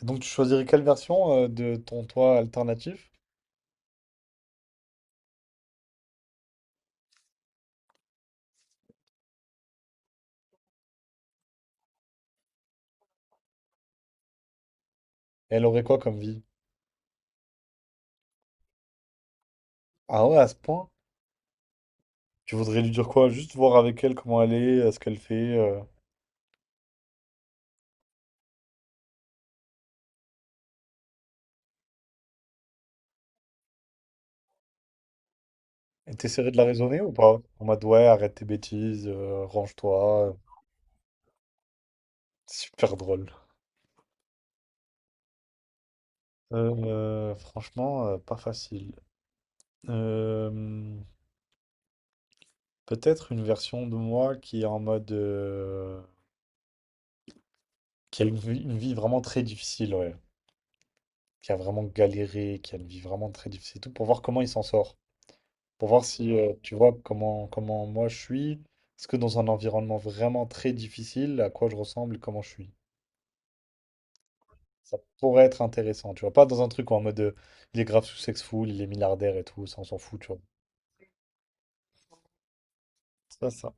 Donc tu choisirais quelle version de ton toit alternatif? Elle aurait quoi comme vie? Ah ouais, à ce point? Tu voudrais lui dire quoi? Juste voir avec elle comment elle est, ce qu'elle fait. Et t'essaierais de la raisonner ou pas? En mode ouais, arrête tes bêtises, range-toi. Super drôle. Franchement, pas facile. Euh, peut-être une version de moi qui est en mode... qui a une vie vraiment très difficile, ouais. Qui a vraiment galéré, qui a une vie vraiment très difficile, et tout pour voir comment il s'en sort. Pour voir si tu vois comment moi je suis. Est-ce que dans un environnement vraiment très difficile, à quoi je ressemble et comment je suis? Ça pourrait être intéressant, tu vois. Pas dans un truc où en mode il est grave sous-sexful, il est milliardaire et tout, ça on s'en fout, tu vois. C'est pas ça.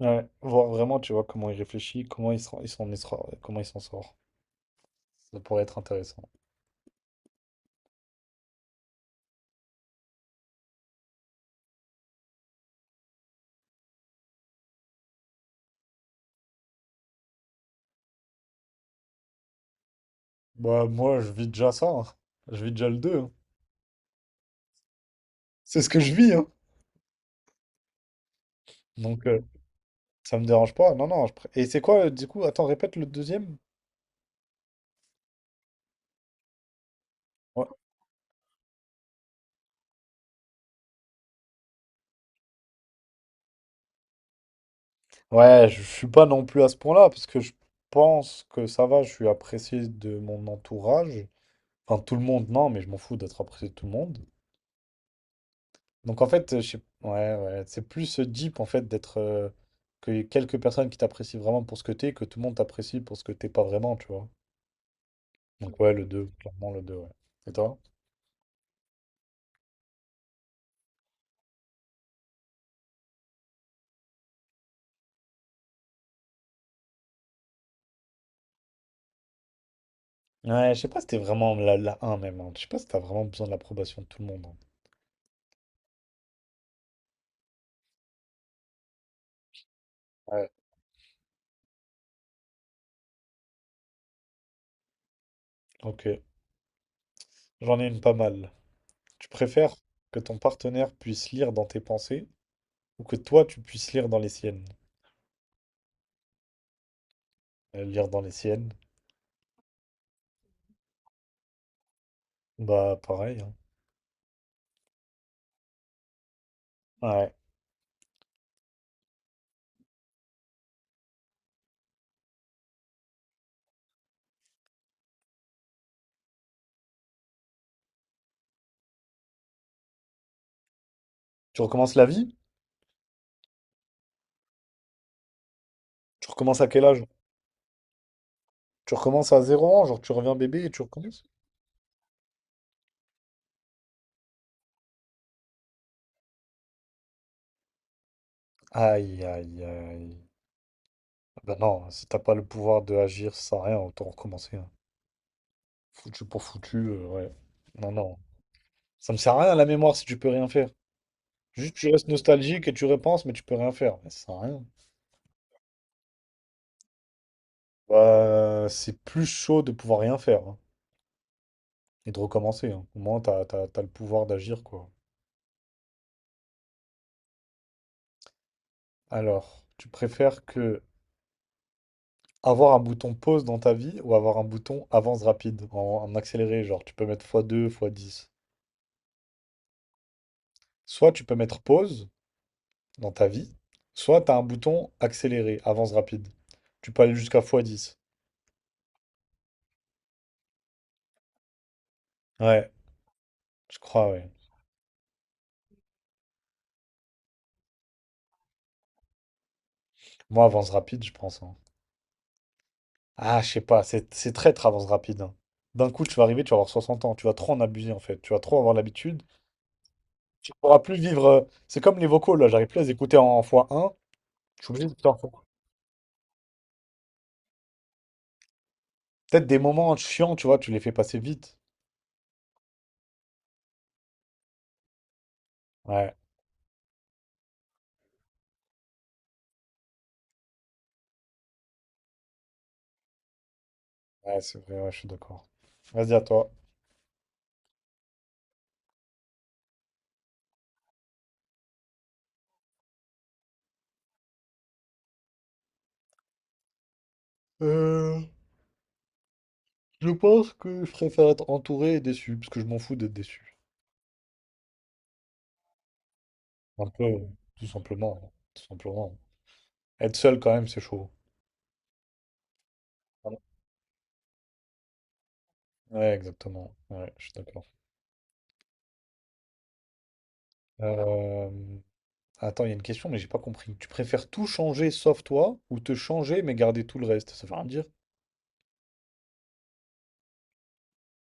Ouais, voir vraiment, tu vois, comment il réfléchit, comment il s'en sort. Ça pourrait être intéressant. Bah, moi, je vis déjà ça, hein. Je vis déjà le deux, hein. C'est ce que je vis, hein. Donc, ça me dérange pas. Non, non. Et c'est quoi, du coup? Attends, répète le deuxième. Ouais, ouais, je suis pas non plus à ce point-là, parce que je pense que ça va. Je suis apprécié de mon entourage. Enfin, tout le monde, non, mais je m'en fous d'être apprécié de tout le monde. Donc, en fait, je sais... ouais, ouais, c'est plus deep, en fait, d'être. Que y ait quelques personnes qui t'apprécient vraiment pour ce que t'es, que tout le monde t'apprécie pour ce que t'es pas vraiment, tu vois. Donc, ouais, le deux clairement, le 2 ouais. Et toi? Ouais, je sais pas si t'es vraiment la un même, hein. Je sais pas si t'as vraiment besoin de l'approbation de tout le monde, hein. Ouais. Ok, j'en ai une pas mal. Tu préfères que ton partenaire puisse lire dans tes pensées ou que toi tu puisses lire dans les siennes? Lire dans les siennes, bah pareil, hein. Ouais. Tu recommences la vie? Tu recommences à quel âge? Tu recommences à zéro ans, genre tu reviens bébé et tu recommences? Aïe, aïe, aïe. Bah non, si t'as pas le pouvoir de agir, ça sert à rien, autant recommencer, hein. Foutu pour foutu, ouais. Non, non. Ça me sert à rien la mémoire si tu peux rien faire. Juste, tu restes nostalgique et tu repenses, mais tu peux rien faire. Mais ça sert à rien. Bah, c'est plus chaud de pouvoir rien faire, hein, et de recommencer, hein. Au moins, t'as le pouvoir d'agir, quoi. Alors, tu préfères que avoir un bouton pause dans ta vie ou avoir un bouton avance rapide en, accéléré, genre tu peux mettre x2, x10. Soit tu peux mettre pause dans ta vie, soit t'as un bouton accéléré, avance rapide. Tu peux aller jusqu'à x10. Ouais, je crois, ouais. Moi, avance rapide, je pense, hein. Ah, je sais pas, c'est très traverse rapide, hein. D'un coup, tu vas arriver, tu vas avoir 60 ans, tu vas trop en abuser en fait, tu vas trop avoir l'habitude, tu pourras plus vivre. C'est comme les vocaux là, j'arrive plus à les écouter en fois un, je suis obligé d'écouter en x. Peut-être des moments chiants, tu vois, tu les fais passer vite. Ouais, ouais, c'est vrai, ouais, je suis d'accord. Vas-y, à toi. Euh, je pense que je préfère être entouré et déçu, parce que je m'en fous d'être déçu. Un peu, tout simplement, hein, tout simplement. Être seul quand même, c'est chaud. Ouais, exactement. Ouais, je suis d'accord. Euh, Attends il y a une question, mais j'ai pas compris. Tu préfères tout changer sauf toi ou te changer mais garder tout le reste? Ça veut rien dire.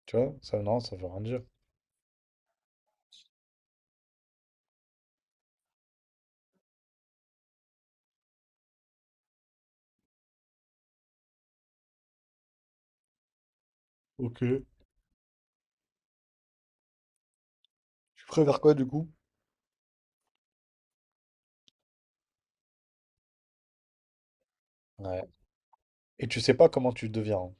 Tu vois? Ça, non, ça veut rien dire. Ok. Tu préfères quoi du coup? Ouais. Et tu sais pas comment tu deviens, hein.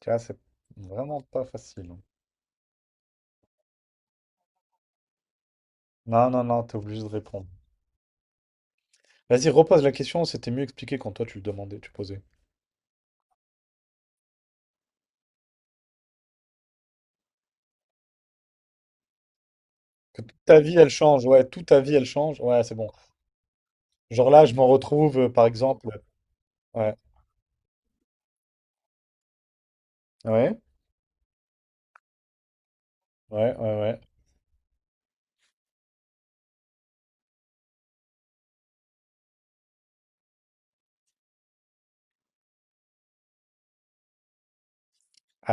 Tu vois, c'est vraiment pas facile, hein. Non, non, non, t'es obligé de répondre. Vas-y, repose la question, c'était mieux expliqué quand toi tu le demandais, tu posais. Que toute ta vie elle change, ouais, toute ta vie elle change, ouais, c'est bon. Genre là, je m'en retrouve, par exemple, ouais, ouais, ouais, ouais, ouais.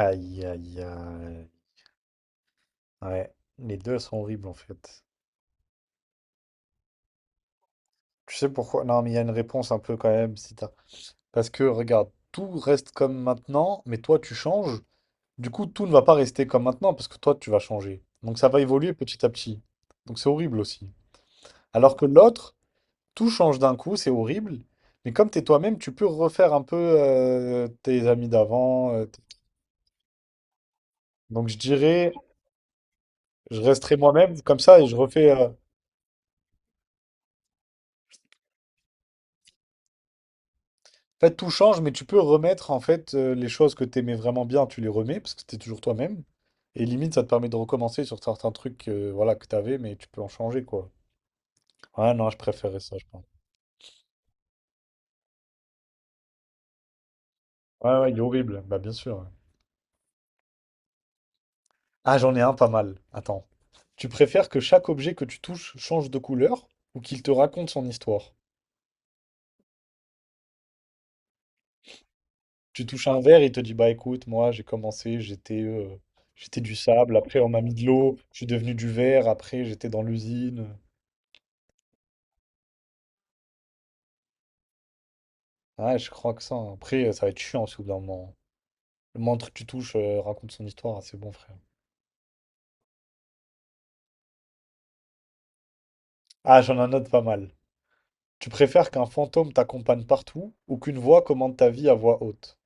Aïe, aïe, aïe. Ouais, les deux sont horribles en fait. Tu sais pourquoi? Non, mais il y a une réponse un peu quand même. Si t'as- Parce que regarde, tout reste comme maintenant, mais toi tu changes. Du coup, tout ne va pas rester comme maintenant parce que toi tu vas changer. Donc ça va évoluer petit à petit. Donc c'est horrible aussi. Alors que l'autre, tout change d'un coup, c'est horrible. Mais comme t'es toi-même, tu peux refaire un peu tes amis d'avant. Donc je dirais, je resterai moi-même comme ça et je refais. En fait, tout change, mais tu peux remettre en fait les choses que t'aimais vraiment bien, tu les remets parce que t'es toujours toi-même. Et limite, ça te permet de recommencer sur certains trucs, voilà, que t'avais, mais tu peux en changer quoi. Ouais, non, je préférais ça, je pense. Ouais, ouais, il est horrible. Bah, bien sûr, ouais. Ah, j'en ai un pas mal. Attends. Tu préfères que chaque objet que tu touches change de couleur ou qu'il te raconte son histoire? Tu touches un verre, il te dit, bah écoute, moi j'ai commencé, j'étais du sable, après on m'a mis de l'eau, je suis devenu du verre, après j'étais dans l'usine. Ouais, je crois que ça, hein. Après, ça va être chiant aussi au bout d'un moment. Le montre que tu touches raconte son histoire, c'est bon, frère. Ah, j'en ai un autre pas mal. Tu préfères qu'un fantôme t'accompagne partout ou qu'une voix commande ta vie à voix haute?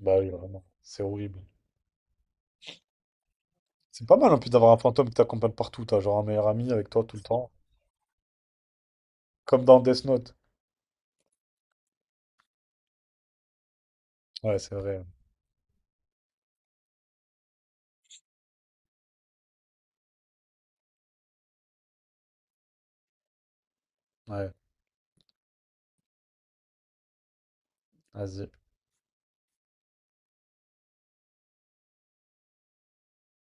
Bah oui, vraiment. C'est horrible. C'est pas mal en plus d'avoir un fantôme qui t'accompagne partout. T'as genre un meilleur ami avec toi tout le temps. Comme dans Death Note. Ouais, c'est vrai. Ouais, vas-y.